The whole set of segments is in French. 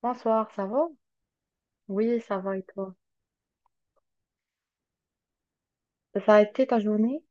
Bonsoir, ça va? Oui, ça va et toi? Ça a été ta journée?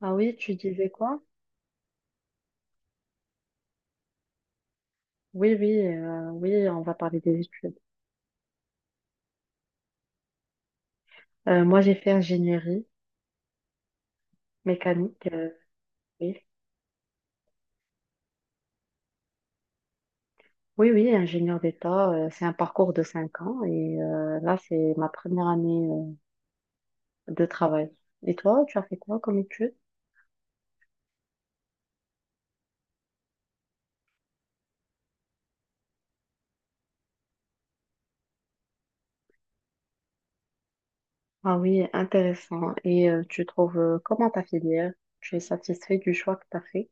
Ah oui, tu disais quoi? Oui, oui, oui, on va parler des études. Moi, j'ai fait ingénierie mécanique. Oui, oui, ingénieur d'État. C'est un parcours de 5 ans et là, c'est ma première année de travail. Et toi, tu as fait quoi comme études? Ah oui, intéressant. Et tu trouves comment ta filière? Tu es satisfait du choix que tu as fait?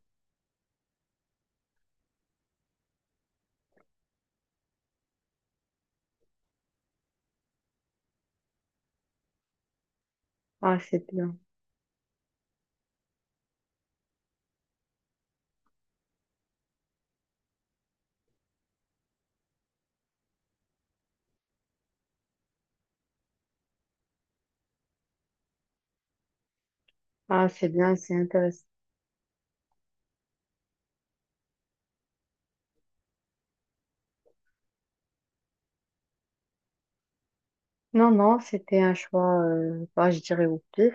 Ah, c'est bien. Ah, c'est bien, c'est intéressant. Non, non, c'était un choix, bah, je dirais au pif.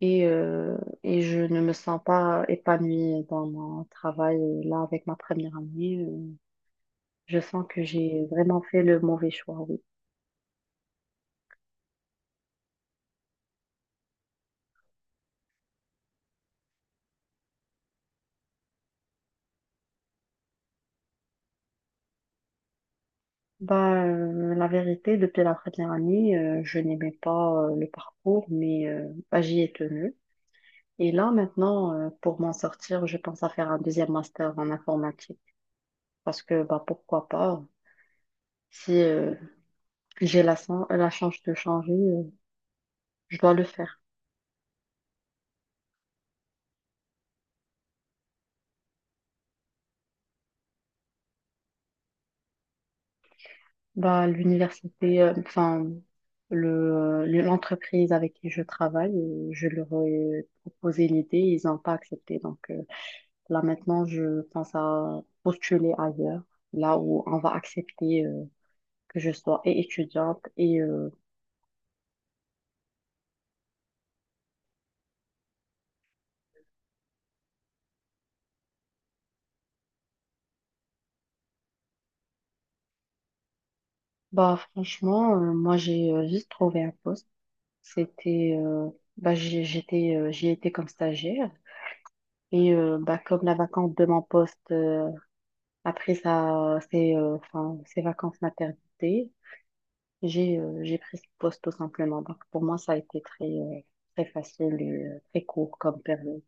Et, euh, et je ne me sens pas épanouie dans mon travail. Et là, avec ma première année, je sens que j'ai vraiment fait le mauvais choix, oui. Bah, la vérité, depuis la première année, je n'aimais pas le parcours, mais bah, j'y ai tenu. Et là, maintenant, pour m'en sortir, je pense à faire un deuxième master en informatique. Parce que, bah, pourquoi pas, si j'ai la, la chance de changer, je dois le faire. Bah, l'université, enfin, l'entreprise avec qui je travaille, je leur ai proposé l'idée, ils n'ont pas accepté. Donc là maintenant, je pense à postuler ailleurs, là où on va accepter que je sois et étudiante. Et bah franchement, moi j'ai juste trouvé un poste. C'était, j'étais, j'y étais comme stagiaire. Et bah comme la vacance de mon poste après ça, c'est enfin, c'est vacances maternité. J'ai pris ce poste tout simplement. Donc pour moi, ça a été très, très facile et très court comme période.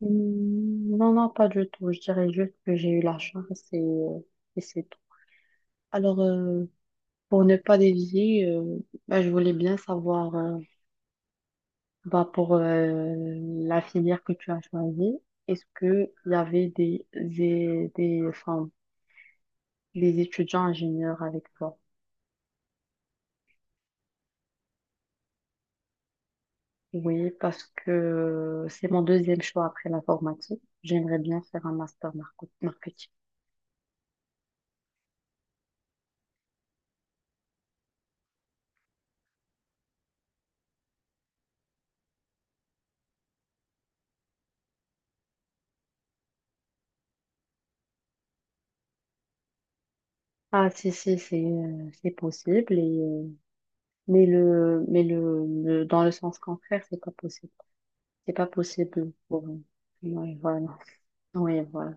Hmm, non, non, pas du tout. Je dirais juste que j'ai eu la chance et, euh, et c'est tout. Alors, pour ne pas dévier, bah, je voulais bien savoir, bah, pour la filière que tu as choisie, est-ce qu'il y avait enfin, des étudiants ingénieurs avec toi? Oui, parce que c'est mon deuxième choix après l'informatique. J'aimerais bien faire un master marketing. Ah, si, si, c'est possible. Et, mais dans le sens contraire, c'est pas possible. C'est pas possible pour nous. Oui, voilà. Oui, voilà.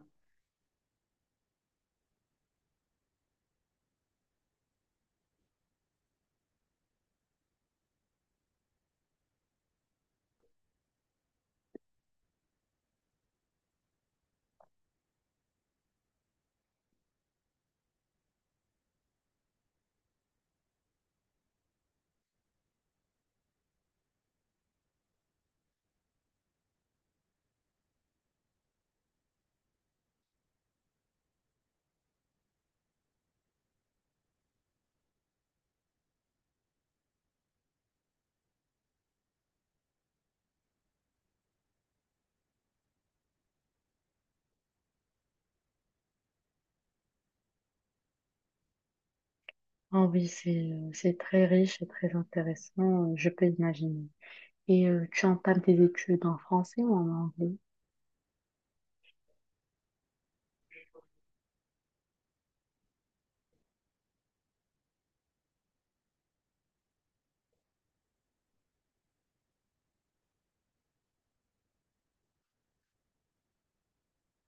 Ah oui, c'est très riche et très intéressant, je peux imaginer. Et tu entames tes études en français ou en anglais?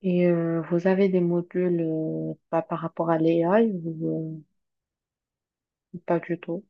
Et vous avez des modules pas par rapport à l'AI? Pas du tout.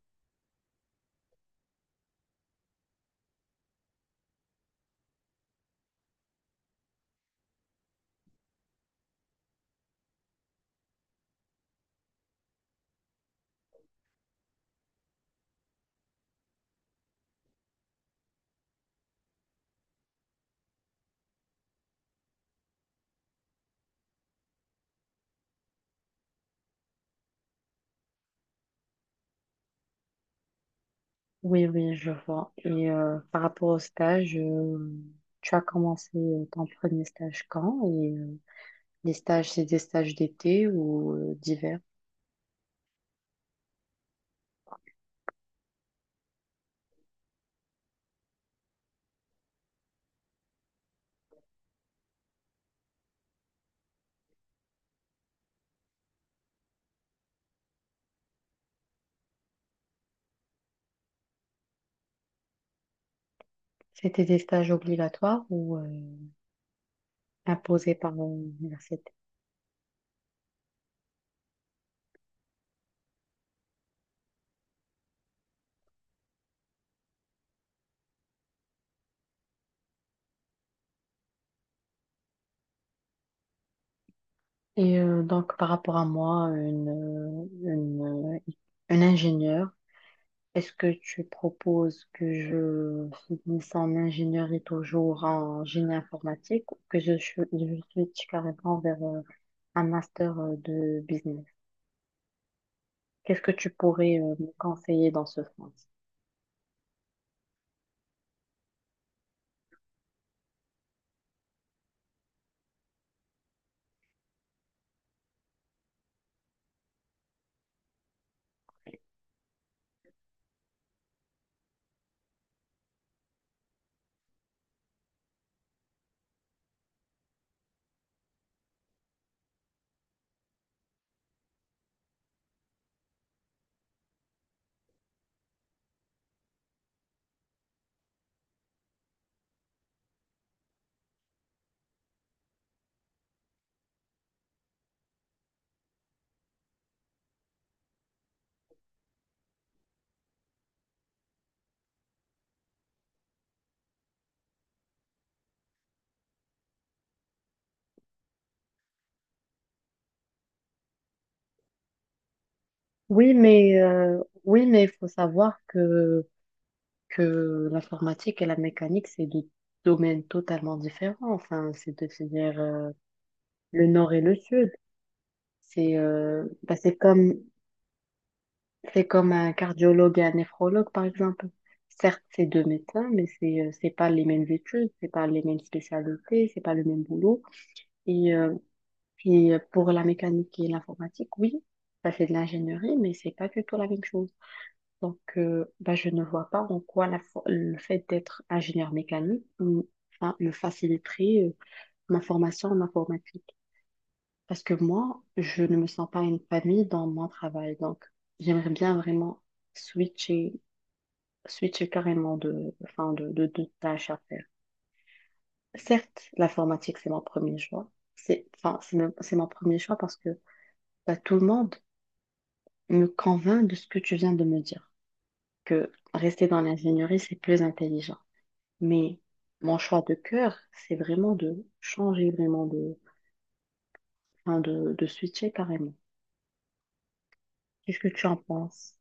Oui, oui, je vois. Et par rapport au stage, tu as commencé ton premier stage quand? Et les stages, c'est des stages d'été ou d'hiver? C'était des stages obligatoires ou imposés par l'université? Et donc, par rapport à moi, une ingénieure, est-ce que tu proposes que je finisse en ingénierie toujours en génie informatique ou que je switch carrément vers un master de business. Qu'est-ce que tu pourrais me conseiller dans ce sens? Oui, mais euh, oui, mais il faut savoir que l'informatique et la mécanique, c'est deux domaines totalement différents. Enfin, c'est de c'est-à-dire le nord et le sud. C'est bah, c'est comme un cardiologue et un néphrologue, par exemple. Certes, c'est deux médecins, mais c'est pas les mêmes études, c'est pas les mêmes spécialités, c'est pas le même boulot. Et puis pour la mécanique et l'informatique, oui, ça c'est de l'ingénierie, mais c'est pas du tout la même chose. Donc, bah, je ne vois pas en quoi la le fait d'être ingénieur mécanique mm, enfin, me faciliterait ma formation en informatique. Parce que moi, je ne me sens pas une famille dans mon travail. Donc, j'aimerais bien vraiment switcher, switcher carrément de, enfin, de tâches à faire. Certes, l'informatique, c'est mon premier choix. C'est, enfin, c'est mon premier choix parce que bah, tout le monde me convainc de ce que tu viens de me dire, que rester dans l'ingénierie, c'est plus intelligent. Mais mon choix de cœur, c'est vraiment de changer, vraiment enfin de switcher carrément. Qu'est-ce que tu en penses?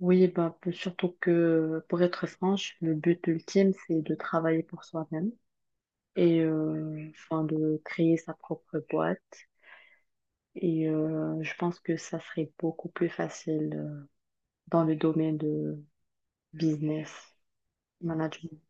Oui, bah, surtout que, pour être franche, le but ultime, c'est de travailler pour soi-même et enfin, de créer sa propre boîte. Et je pense que ça serait beaucoup plus facile dans le domaine de business management.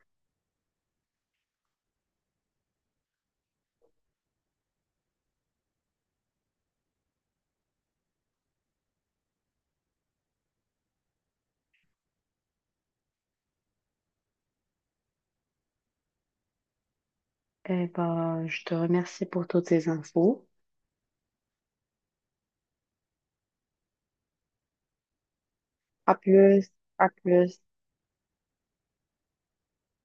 Eh ben, je te remercie pour toutes ces infos. À plus, à plus.